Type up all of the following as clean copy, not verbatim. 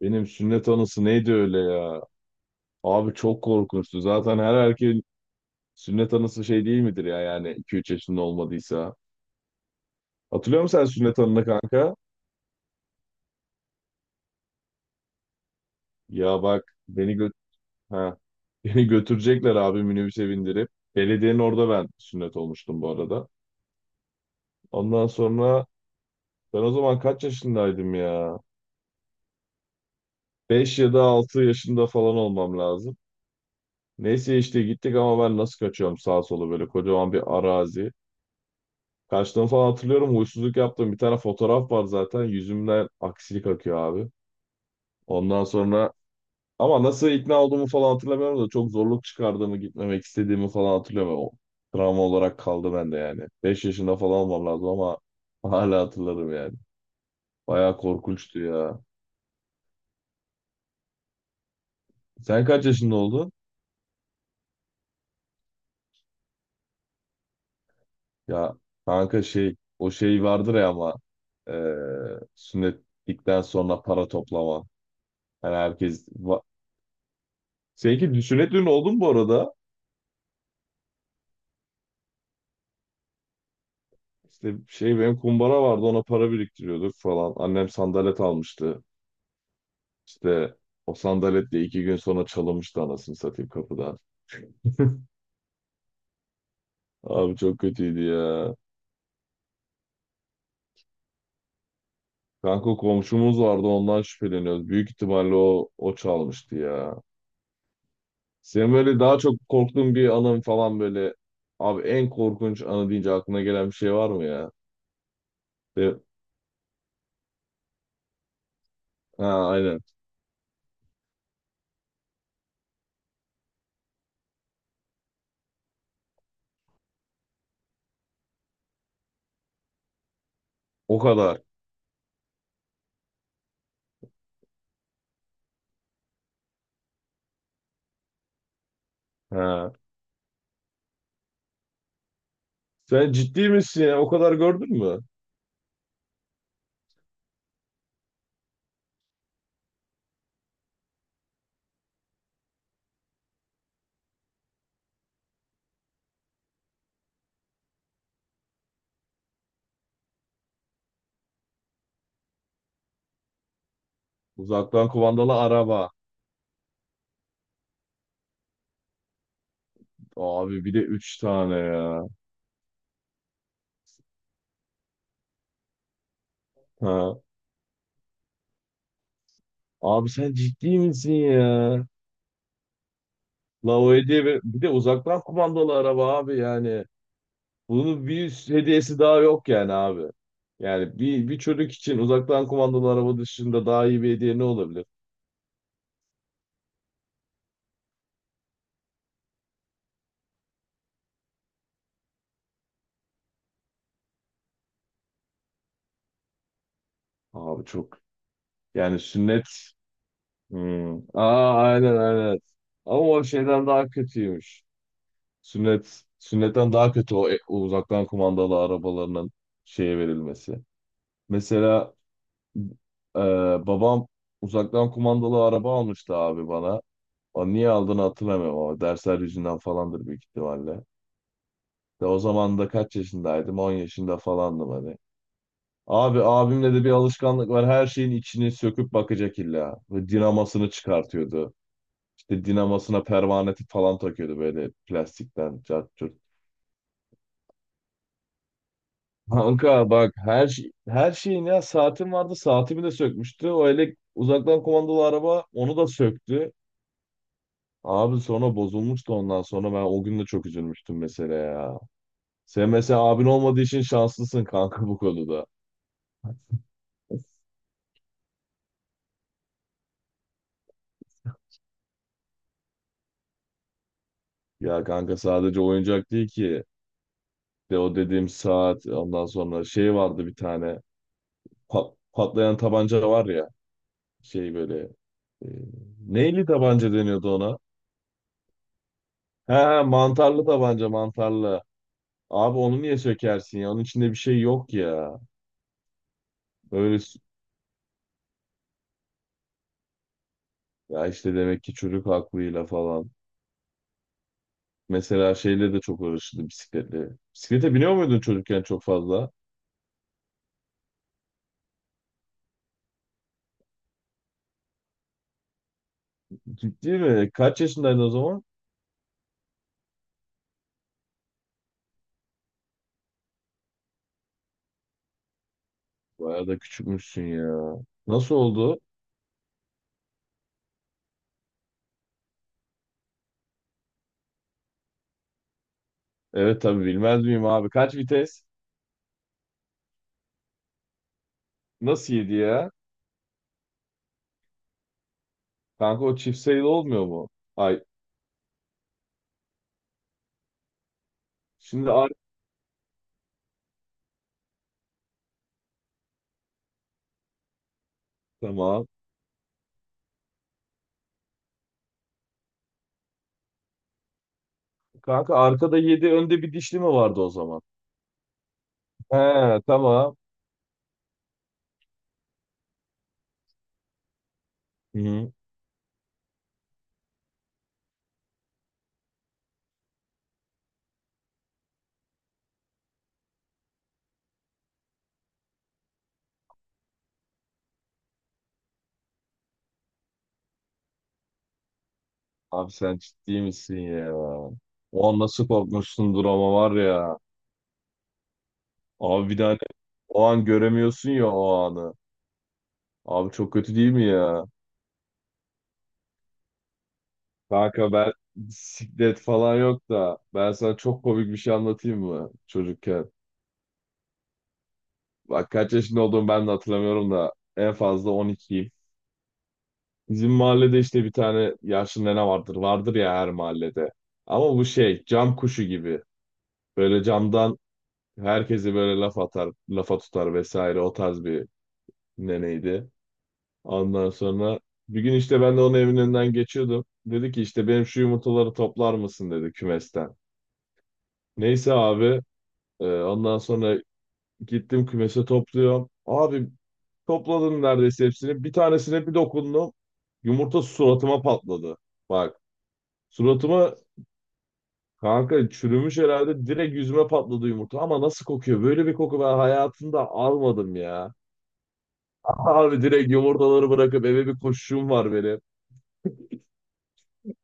Benim sünnet anısı neydi öyle ya? Abi çok korkunçtu. Zaten her erkeğin sünnet anısı şey değil midir ya yani 2-3 yaşında olmadıysa. Hatırlıyor musun sen sünnet anını kanka? Ya bak, beni gö ha. Beni götürecekler abi minibüse bindirip. Belediyenin orada ben sünnet olmuştum bu arada. Ondan sonra ben o zaman kaç yaşındaydım ya? 5 ya da 6 yaşında falan olmam lazım. Neyse işte gittik ama ben nasıl kaçıyorum sağa sola, böyle kocaman bir arazi. Kaçtığımı falan hatırlıyorum. Huysuzluk yaptığım bir tane fotoğraf var zaten. Yüzümden aksilik akıyor abi. Ondan sonra ama nasıl ikna olduğumu falan hatırlamıyorum da çok zorluk çıkardığımı, gitmemek istediğimi falan hatırlıyorum. O travma olarak kaldı bende yani. 5 yaşında falan olmam lazım ama hala hatırlarım yani. Bayağı korkunçtu ya. Sen kaç yaşında oldun? Ya kanka şey o şey vardır ya ama eee sünnetlikten sonra para toplama. Yani Seninki sünnet düğünü oldu mu bu arada? İşte şey benim kumbara vardı, ona para biriktiriyorduk falan. Annem sandalet almıştı. İşte o sandaletle 2 gün sonra çalınmıştı anasını satayım kapıdan. Abi çok kötüydü ya. Kanka komşumuz vardı, ondan şüpheleniyoruz. Büyük ihtimalle o, çalmıştı ya. Senin böyle daha çok korktuğun bir anın falan, böyle abi en korkunç anı deyince aklına gelen bir şey var mı ya? De, ha aynen. O kadar. Ha. Sen ciddi misin ya? O kadar gördün mü? Uzaktan kumandalı araba. Abi bir de üç tane ya. Ha. Abi sen ciddi misin ya? La o hediye bir de uzaktan kumandalı araba abi yani. Bunun bir üst hediyesi daha yok yani abi. Yani bir çocuk için uzaktan kumandalı araba dışında daha iyi bir hediye ne olabilir? Abi çok yani sünnet. Hmm. Aa aynen aynen. Ama o şeyden daha kötüymüş. Sünnetten daha kötü o, o uzaktan kumandalı arabalarının şeye verilmesi. Mesela Ee, babam uzaktan kumandalı araba almıştı abi bana. O niye aldığını hatırlamıyorum ama dersler yüzünden falandır büyük ihtimalle. De o zaman da kaç yaşındaydım? 10 yaşında falandım hani. Abi abimle de bir alışkanlık var. Her şeyin içini söküp bakacak illa. Ve dinamasını çıkartıyordu. İşte dinamasına pervaneti falan takıyordu böyle plastikten cart curt. Kanka bak her şeyin, ya saatim vardı, saatimi de sökmüştü. O elek uzaktan kumandalı araba, onu da söktü. Abi sonra bozulmuştu, ondan sonra ben o gün de çok üzülmüştüm mesela ya. Sen mesela abin olmadığı için şanslısın kanka bu konuda. Ya kanka sadece oyuncak değil ki. De o dediğim saat, ondan sonra şey vardı, bir tane patlayan tabanca var ya, şey böyle, e, neyli tabanca deniyordu ona? He he mantarlı tabanca, mantarlı. Abi onu niye sökersin ya? Onun içinde bir şey yok ya. Öyle s- ya işte demek ki çocuk aklıyla falan. Mesela şeyle de çok uğraşırdı, bisikletle. Bisiklete biniyor muydun çocukken çok fazla? Ciddi mi? Kaç yaşındaydın o zaman? Bayağı da küçükmüşsün ya. Nasıl oldu? Evet tabii bilmez miyim abi. Kaç vites? Nasıl yedi ya? Kanka o çift sayılı olmuyor mu? Ay şimdi ar tamam. Kanka arkada yedi, önde bir dişli mi vardı o zaman? He tamam. Hı-hı. Abi sen ciddi misin ya? O an nasıl korkmuşsundur ama var ya. Abi bir tane, o an göremiyorsun ya o anı. Abi çok kötü değil mi ya? Kanka ben bisiklet falan yok da, ben sana çok komik bir şey anlatayım mı çocukken? Bak kaç yaşında olduğumu ben de hatırlamıyorum da en fazla 12'yim. Bizim mahallede işte bir tane yaşlı nene vardır. Vardır ya her mahallede. Ama bu şey cam kuşu gibi. Böyle camdan herkesi böyle laf atar, lafa tutar vesaire, o tarz bir neneydi. Ondan sonra bir gün işte ben de onun evinin önünden geçiyordum. Dedi ki işte benim şu yumurtaları toplar mısın dedi kümesten. Neyse abi, ondan sonra gittim kümese, topluyorum. Abi topladım neredeyse hepsini. Bir tanesine bir dokundum. Yumurta suratıma patladı. Bak suratıma, kanka çürümüş herhalde, direkt yüzüme patladı yumurta. Ama nasıl kokuyor? Böyle bir koku ben hayatımda almadım ya. Abi direkt yumurtaları bırakıp eve bir koşuşum var benim.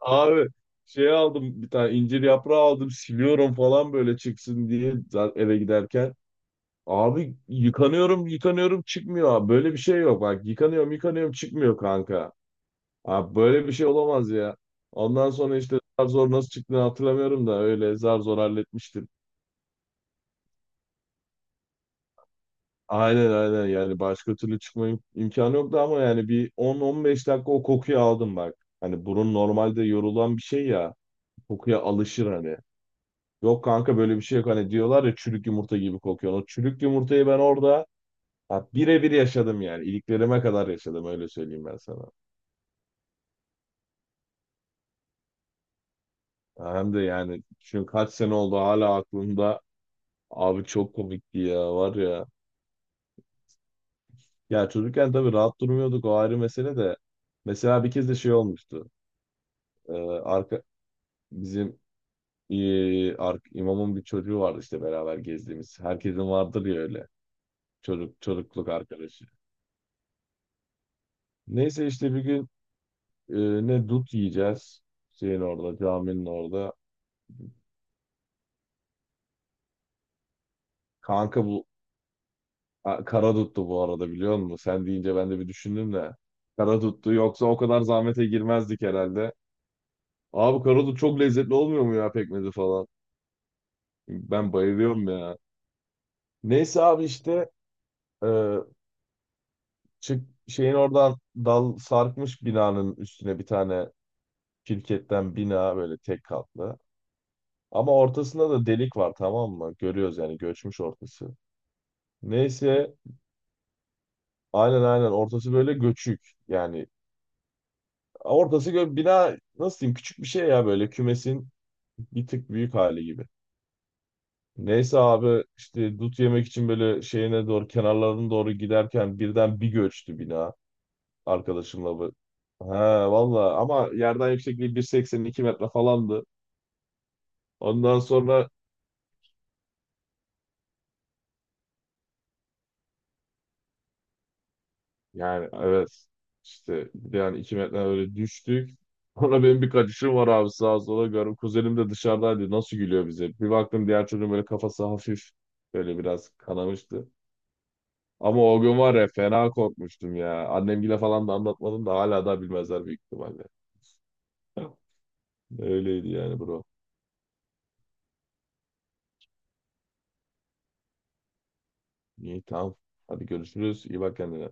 Abi şey aldım, bir tane incir yaprağı aldım, siliyorum falan böyle çıksın diye, zaten eve giderken. Abi yıkanıyorum yıkanıyorum, çıkmıyor abi. Böyle bir şey yok bak. Yıkanıyorum yıkanıyorum çıkmıyor kanka. Abi böyle bir şey olamaz ya. Ondan sonra işte zar zor nasıl çıktığını hatırlamıyorum da, öyle zar zor halletmiştim. Aynen aynen, yani başka türlü çıkma imkanı yoktu ama yani bir 10-15 dakika o kokuyu aldım bak. Hani burun normalde yorulan bir şey ya. Kokuya alışır hani. Yok kanka böyle bir şey yok, hani diyorlar ya çürük yumurta gibi kokuyor. O çürük yumurtayı ben orada, ya birebir yaşadım yani. İliklerime kadar yaşadım, öyle söyleyeyim ben sana. Ya hem de yani, çünkü kaç sene oldu hala aklımda. Abi çok komikti ya var ya. Ya çocukken tabii rahat durmuyorduk, o ayrı mesele de. Mesela bir kez de şey olmuştu. Ee, arka bizim imamın bir çocuğu vardı işte beraber gezdiğimiz. Herkesin vardır ya öyle. Çocuk, çocukluk arkadaşı. Neyse işte bir gün, dut yiyeceğiz. Şeyin orada, caminin orada. Kanka bu, ha, Karadut'tu bu arada, biliyor musun? Sen deyince ben de bir düşündüm de. Karadut'tu, yoksa o kadar zahmete girmezdik herhalde. Abi kara dut çok lezzetli olmuyor mu ya, pekmezi falan? Ben bayılıyorum ya. Neyse abi işte, e, çık şeyin oradan, dal sarkmış binanın üstüne, bir tane şirketten bina, böyle tek katlı. Ama ortasında da delik var tamam mı? Görüyoruz yani, göçmüş ortası. Neyse aynen aynen, ortası böyle göçük. Yani bina, nasıl diyeyim, küçük bir şey ya, böyle kümesin bir tık büyük hali gibi. Neyse abi işte dut yemek için böyle şeyine doğru, kenarlarına doğru giderken birden bir göçtü bina, arkadaşımla bu. He valla, ama yerden yüksekliği 180, 2 metre falandı. Ondan sonra yani evet işte, bir de yani 2 metre öyle düştük. Sonra benim bir kaçışım var abi, sağa sola görüyorum. Kuzenim de dışarıdaydı, nasıl gülüyor bize. Bir baktım diğer çocuğun böyle kafası hafif böyle biraz kanamıştı. Ama o gün var ya fena korkmuştum ya. Annemgile falan da anlatmadım da hala da bilmezler büyük ihtimalle. Öyleydi yani bro. İyi tamam. Hadi görüşürüz. İyi bak kendine.